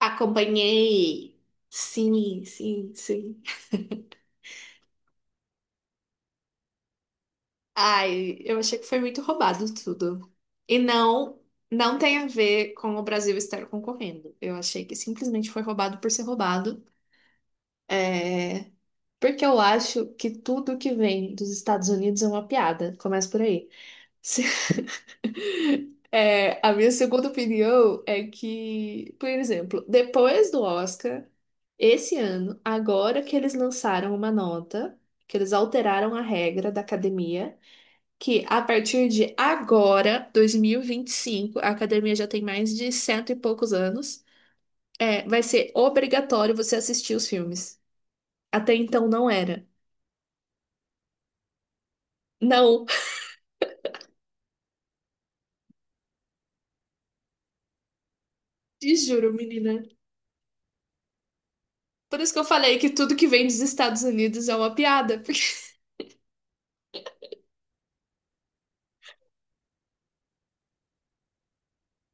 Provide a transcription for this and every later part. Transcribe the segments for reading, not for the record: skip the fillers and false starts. Acompanhei. Sim, sim, sim. Ai, eu achei que foi muito roubado tudo. E não tem a ver com o Brasil estar concorrendo. Eu achei que simplesmente foi roubado por ser roubado, porque eu acho que tudo que vem dos Estados Unidos é uma piada. Começa por aí. Se- É, a minha segunda opinião é que, por exemplo, depois do Oscar, esse ano, agora que eles lançaram uma nota, que eles alteraram a regra da academia, que a partir de agora, dois mil e vinte e cinco, a academia já tem mais de cento e poucos anos, é, vai ser obrigatório você assistir os filmes. Até então não era. Não, te juro, menina. Por isso que eu falei que tudo que vem dos Estados Unidos é uma piada.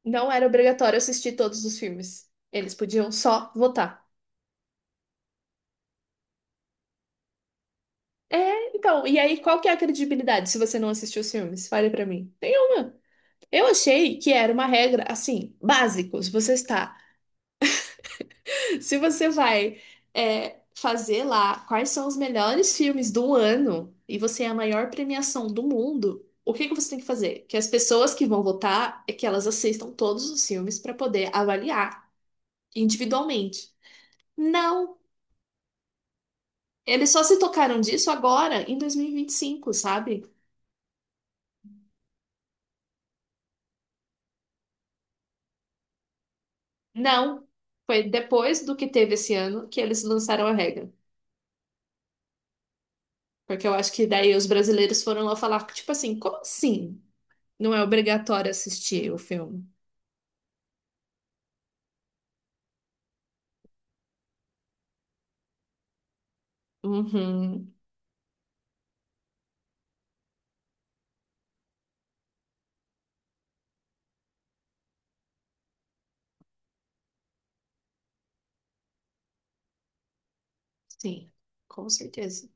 Não era obrigatório assistir todos os filmes. Eles podiam só votar. É, então, e aí qual que é a credibilidade se você não assistiu os filmes? Fale pra mim. Nenhuma. Eu achei que era uma regra, assim, básico. Se você está, se você vai, é, fazer lá quais são os melhores filmes do ano e você é a maior premiação do mundo, o que que você tem que fazer? Que as pessoas que vão votar é que elas assistam todos os filmes para poder avaliar individualmente. Não. Eles só se tocaram disso agora, em dois mil e vinte e cinco, sabe? Não. Foi depois do que teve esse ano que eles lançaram a regra. Porque eu acho que daí os brasileiros foram lá falar, tipo assim, como assim? Não é obrigatório assistir o filme? Uhum. Sim, com certeza.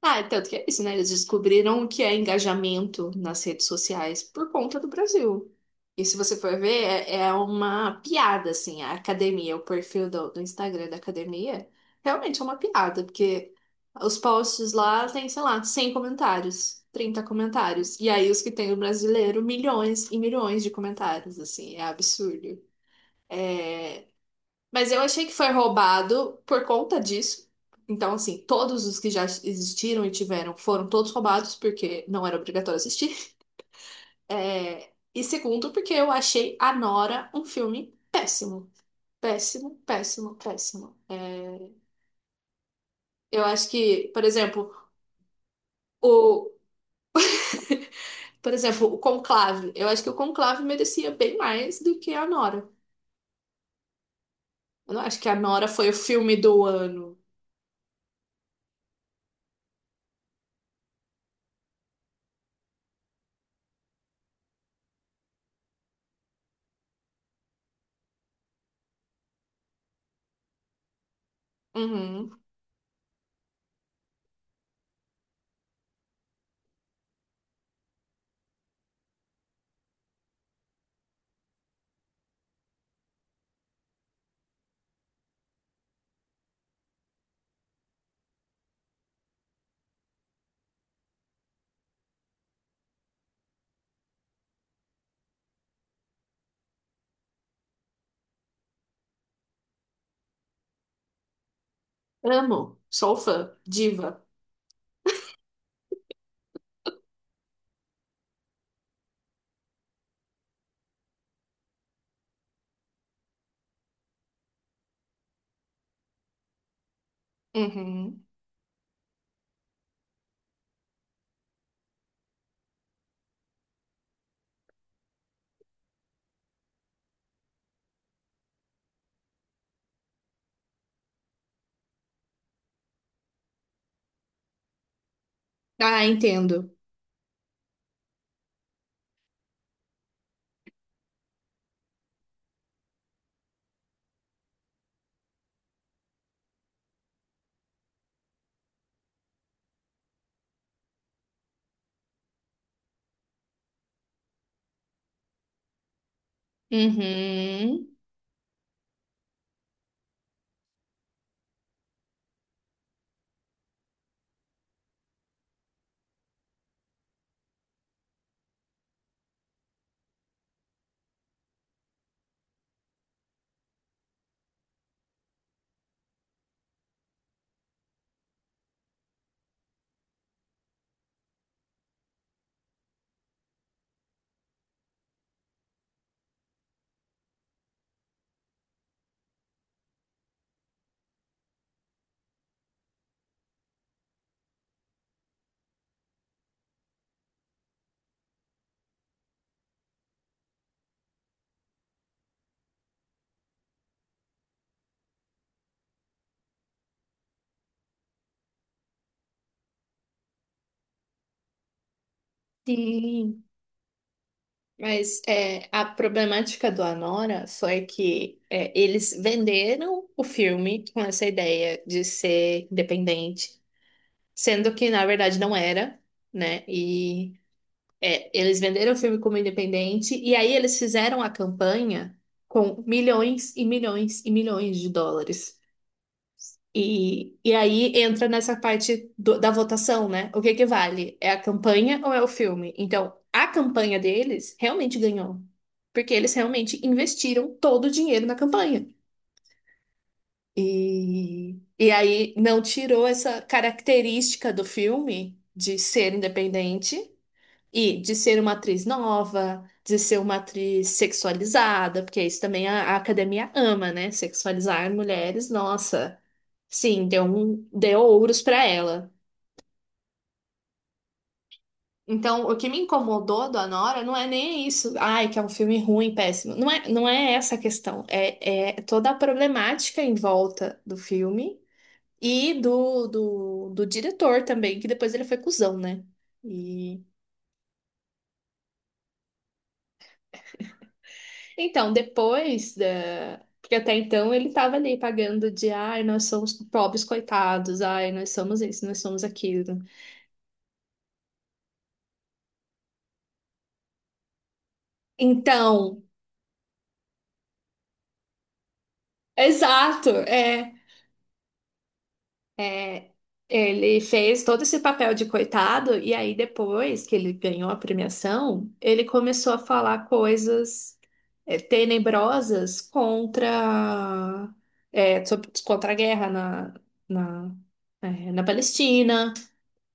Ah, é tanto que é isso, né? Eles descobriram o que é engajamento nas redes sociais por conta do Brasil. E se você for ver, é, é uma piada, assim, a academia, o perfil do Instagram da academia, realmente é uma piada, porque os posts lá tem, sei lá, 100 comentários, 30 comentários. E aí os que tem o brasileiro, milhões e milhões de comentários, assim, é absurdo. Mas eu achei que foi roubado por conta disso. Então, assim, todos os que já existiram e tiveram foram todos roubados, porque não era obrigatório assistir. É. E segundo, porque eu achei A Nora um filme péssimo. Péssimo, péssimo, péssimo. É, eu acho que, por exemplo, o... Por exemplo, o Conclave. Eu acho que o Conclave merecia bem mais do que A Nora. Eu não acho que A Nora foi o filme do ano. Uhum. Amo. Sou fã. Diva. Uhum. Ah, entendo. Uhum. Sim. Mas é, a problemática do Anora só é que é, eles venderam o filme com essa ideia de ser independente, sendo que na verdade não era, né? E é, eles venderam o filme como independente, e aí eles fizeram a campanha com milhões e milhões e milhões de dólares. E, aí entra nessa parte do- da votação, né? O que que vale? É a campanha ou é o filme? Então, a campanha deles realmente ganhou, porque eles realmente investiram todo o dinheiro na campanha. E, aí não tirou essa característica do filme de ser independente e de ser uma atriz nova, de ser uma atriz sexualizada, porque isso também a academia ama, né? Sexualizar mulheres, nossa. Sim, deu um, deu ouros pra ela. Então, o que me incomodou do Anora não é nem isso, ai, que é um filme ruim, péssimo. Não é, não é essa a questão. É, é toda a problemática em volta do filme e do diretor também, que depois ele foi cuzão, né? Então, depois da. Porque até então ele estava ali pagando de, ai, nós somos pobres coitados, ai, nós somos isso, nós somos aquilo. Então, exato, é, é, ele fez todo esse papel de coitado, e aí depois que ele ganhou a premiação, ele começou a falar coisas, é, tenebrosas contra, é, contra a guerra na, na, é, na Palestina,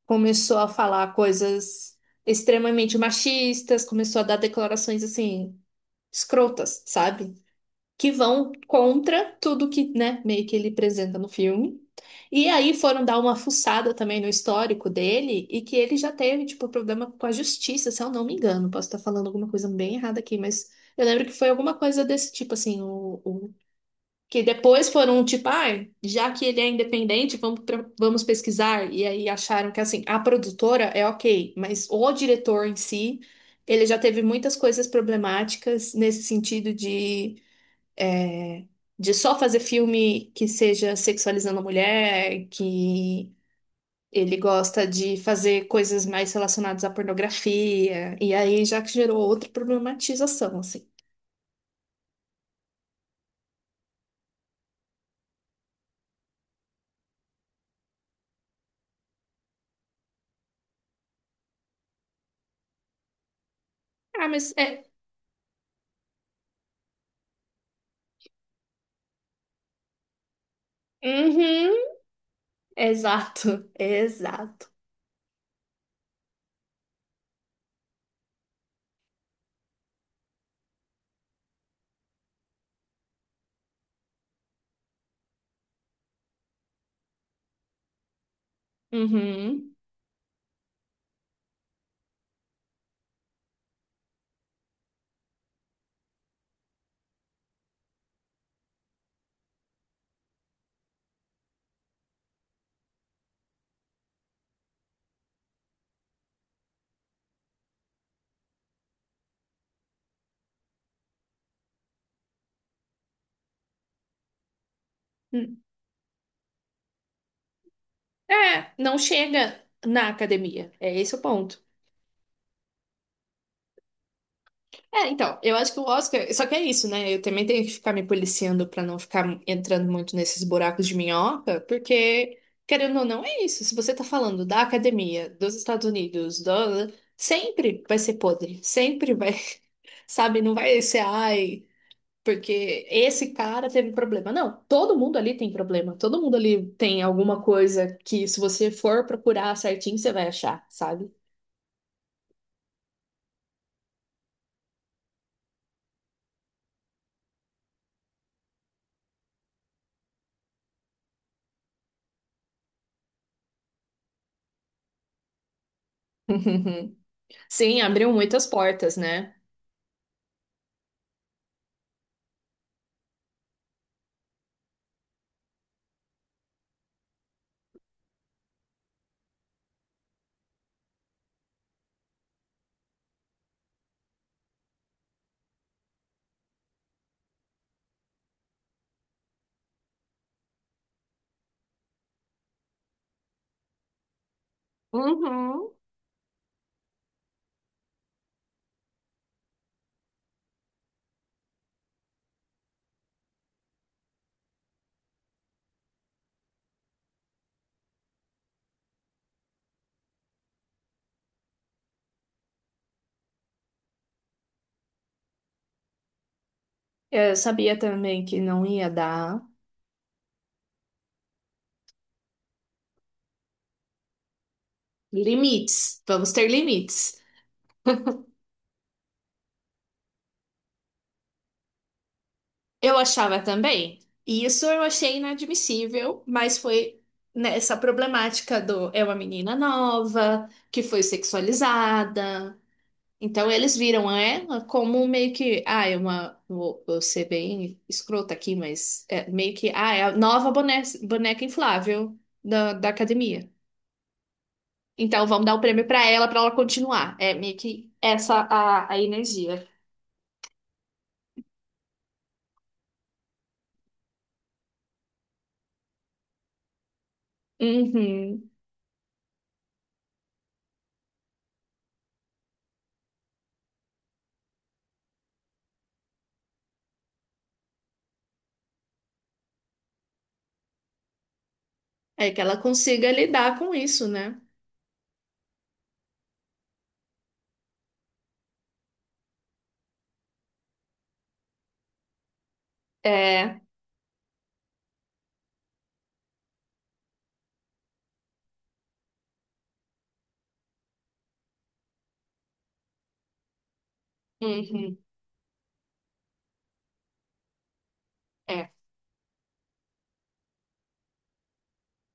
começou a falar coisas extremamente machistas, começou a dar declarações assim escrotas, sabe? Que vão contra tudo que, né, meio que ele apresenta no filme. E aí foram dar uma fuçada também no histórico dele e que ele já teve, tipo, problema com a justiça, se eu não me engano. Posso estar falando alguma coisa bem errada aqui, mas eu lembro que foi alguma coisa desse tipo, assim, o, que depois foram tipo, ai, já que ele é independente, vamos, vamos pesquisar. E aí acharam que assim, a produtora é ok, mas o diretor em si, ele já teve muitas coisas problemáticas nesse sentido de, é, de só fazer filme que seja sexualizando a mulher, que ele gosta de fazer coisas mais relacionadas à pornografia. E aí já que gerou outra problematização, assim. Ah, mas é. Uhum, exato, exato. Uhum. É, não chega na academia. É esse o ponto. É, então, eu acho que o Oscar. Só que é isso, né? Eu também tenho que ficar me policiando pra não ficar entrando muito nesses buracos de minhoca, porque, querendo ou não, é isso. Se você tá falando da academia, dos Estados Unidos, do... sempre vai ser podre. Sempre vai, sabe? Não vai ser, ai. Porque esse cara teve problema. Não, todo mundo ali tem problema. Todo mundo ali tem alguma coisa que, se você for procurar certinho, você vai achar, sabe? Sim, abriu muitas portas, né? Uhum. Eu sabia também que não ia dar limites. Vamos ter limites. Eu achava também. E isso eu achei inadmissível, mas foi nessa problemática do é uma menina nova, que foi sexualizada. Então eles viram ela como meio que, ah, é uma, vou ser bem escrota aqui, mas é meio que, ah, é a nova boneca, inflável da, da academia. Então vamos dar o prêmio pra ela continuar. É meio que essa a energia. Uhum. É que ela consiga lidar com isso, né? É. Uhum. É.